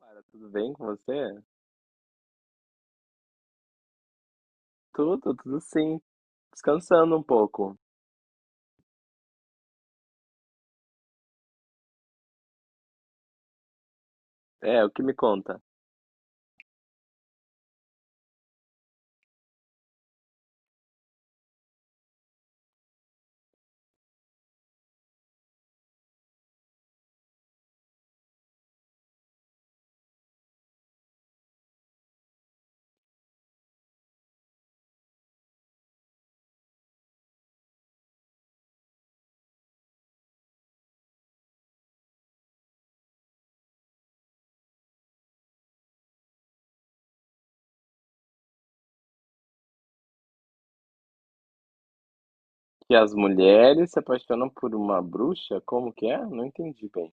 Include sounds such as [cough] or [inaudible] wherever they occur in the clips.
Para, tudo bem com você? Tudo sim. Descansando um pouco. É, o que me conta? Que as mulheres se apaixonam por uma bruxa? Como que é? Não entendi bem.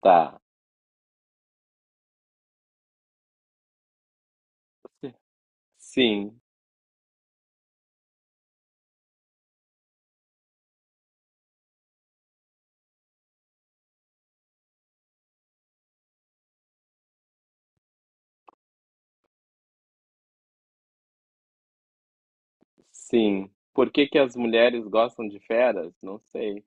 Tá. Sim, sim. Por que que as mulheres gostam de feras? Não sei.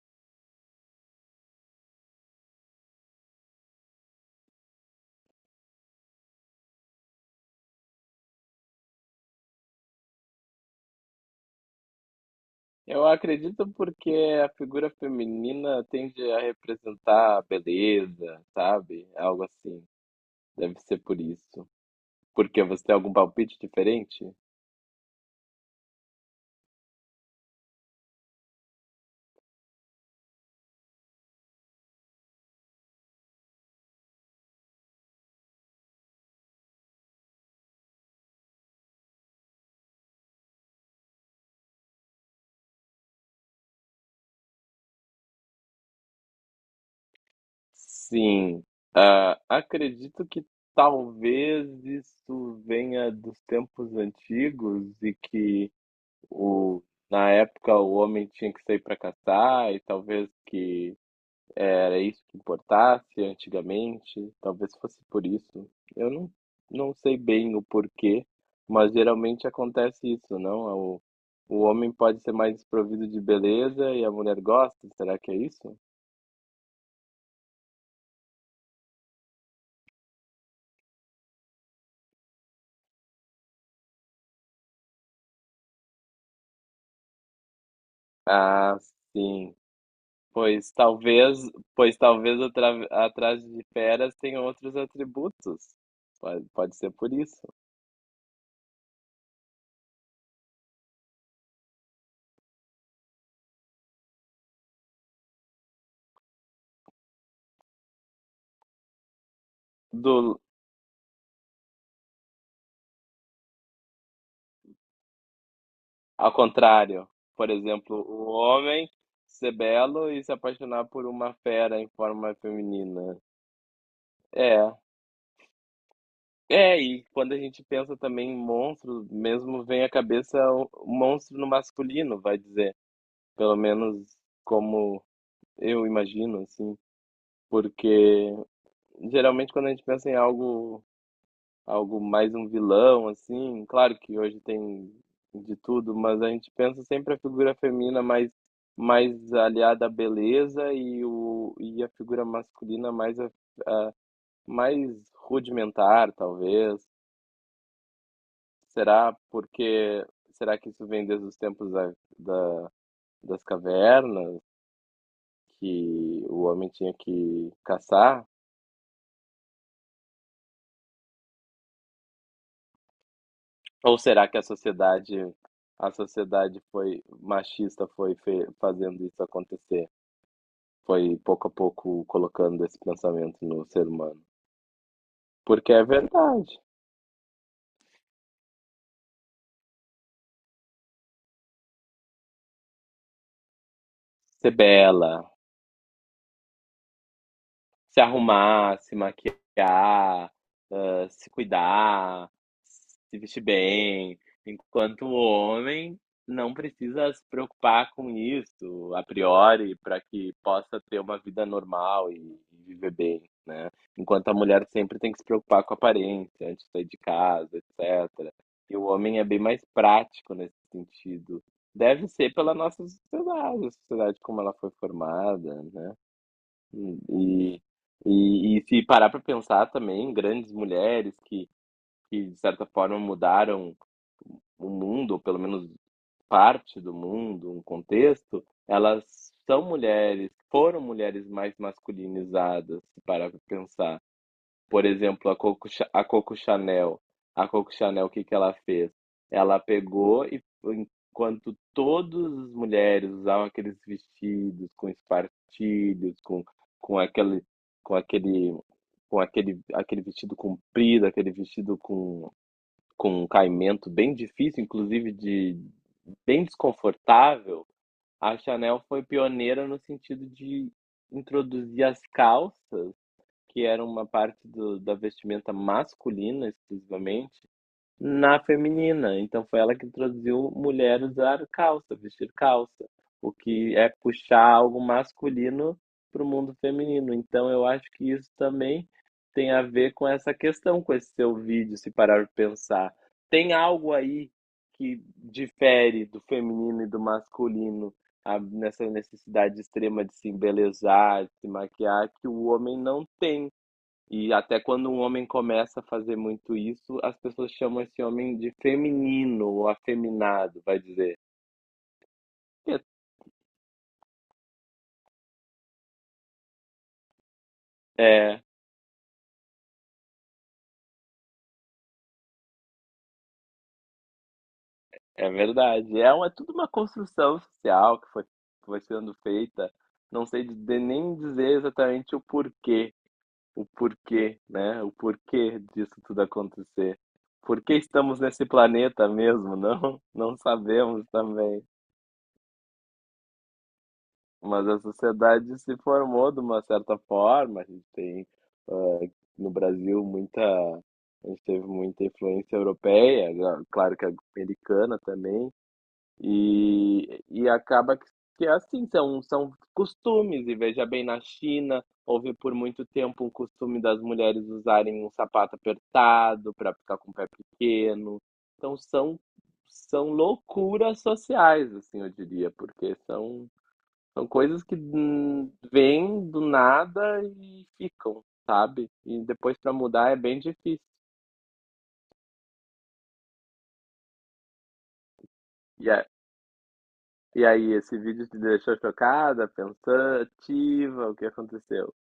Eu acredito porque a figura feminina tende a representar a beleza, sabe? Algo assim. Deve ser por isso. Porque você tem algum palpite diferente? Sim. Ah, acredito que talvez isso venha dos tempos antigos e que o, na época o homem tinha que sair para caçar e talvez que era isso que importasse antigamente, talvez fosse por isso. Eu não, Não sei bem o porquê, mas geralmente acontece isso, não? O homem pode ser mais desprovido de beleza e a mulher gosta, será que é isso? Ah, sim. Pois talvez, pois talvez atrás de feras tenha outros atributos, pode ser por isso. Do, Ao contrário, por exemplo, o homem ser belo e se apaixonar por uma fera em forma feminina. É. É, e quando a gente pensa também em monstro, mesmo vem à cabeça o monstro no masculino, vai dizer. Pelo menos como eu imagino, assim. Porque geralmente quando a gente pensa em algo mais um vilão, assim. Claro que hoje tem de tudo, mas a gente pensa sempre a figura feminina mais, mais aliada à beleza e e a figura masculina mais, a- mais rudimentar, talvez. Será porque será que isso vem desde os tempos da- das cavernas, que o homem tinha que caçar? Ou será que a sociedade foi machista, foi fazendo isso acontecer? Foi pouco a pouco colocando esse pensamento no ser humano. Porque é verdade. Ser bela, se arrumar, se maquiar, ah, se cuidar, se vestir bem, enquanto o homem não precisa se preocupar com isso a priori para que possa ter uma vida normal e viver bem, né? Enquanto a mulher sempre tem que se preocupar com a aparência antes de sair de casa, etc. E o homem é bem mais prático nesse sentido. Deve ser pela nossa sociedade, a sociedade como ela foi formada, né? E, e se parar para pensar também, grandes mulheres que de certa forma, mudaram o mundo, ou pelo menos parte do mundo, um contexto, elas são mulheres, foram mulheres mais masculinizadas, se parar para pensar. Por exemplo, a a Coco Chanel. A Coco Chanel, o que que ela fez? Ela pegou e, enquanto todas as mulheres usavam aqueles vestidos com espartilhos, com aquele, com aquele, com aquele vestido comprido, aquele vestido com um caimento bem difícil, inclusive de bem desconfortável, a Chanel foi pioneira no sentido de introduzir as calças que era uma parte da vestimenta masculina exclusivamente na feminina. Então foi ela que introduziu mulher usar calça, vestir calça, o que é puxar algo masculino para o mundo feminino. Então eu acho que isso também tem a ver com essa questão, com esse seu vídeo, se parar para pensar. Tem algo aí que difere do feminino e do masculino nessa necessidade extrema de se embelezar, de se maquiar, que o homem não tem. E até quando um homem começa a fazer muito isso, as pessoas chamam esse homem de feminino ou afeminado, vai dizer. É, é verdade. É tudo uma construção social que foi sendo feita. Não sei de, nem dizer exatamente o porquê, né? O porquê disso tudo acontecer. Por que estamos nesse planeta mesmo? [laughs] Não, não sabemos também. Mas a sociedade se formou de uma certa forma. A gente tem, ah, no Brasil, muita. A gente teve muita influência europeia, já- claro que americana também, e acaba que é assim, são costumes. E veja bem, na China, houve por muito tempo um costume das mulheres usarem um sapato apertado para ficar com o pé pequeno. Então, são loucuras sociais, assim, eu diria, porque são coisas que vêm do nada e ficam, sabe? E depois pra mudar é bem difícil. E, a- e aí, esse vídeo te deixou chocada, pensativa, o que aconteceu?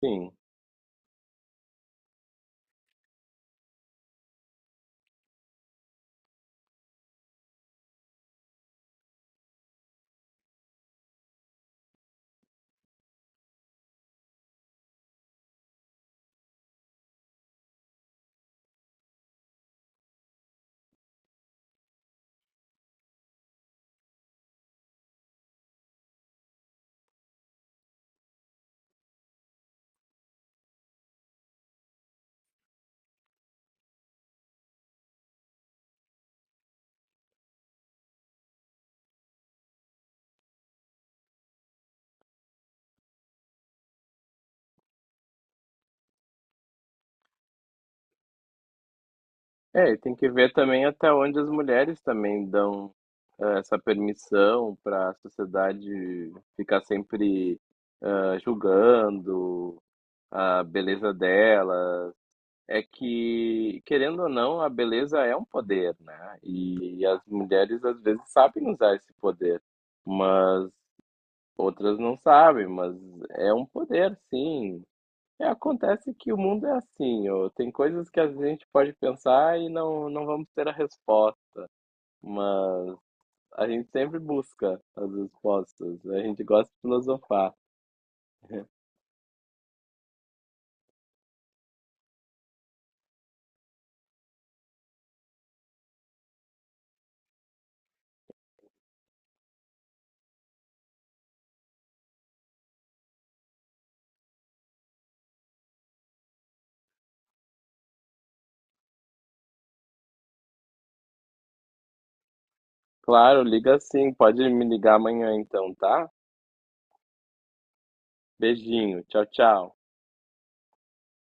Sim. É, e tem que ver também até onde as mulheres também dão essa permissão para a sociedade ficar sempre ah, julgando a beleza dela, é que, querendo ou não, a beleza é um poder, né? E as mulheres às vezes sabem usar esse poder, mas outras não sabem, mas é um poder, sim. É, acontece que o mundo é assim, ó, tem coisas que a gente pode pensar e não, não vamos ter a resposta, mas a gente sempre busca as respostas, a gente gosta de filosofar. Claro, liga sim, pode me ligar amanhã então, tá? Beijinho, tchau, tchau.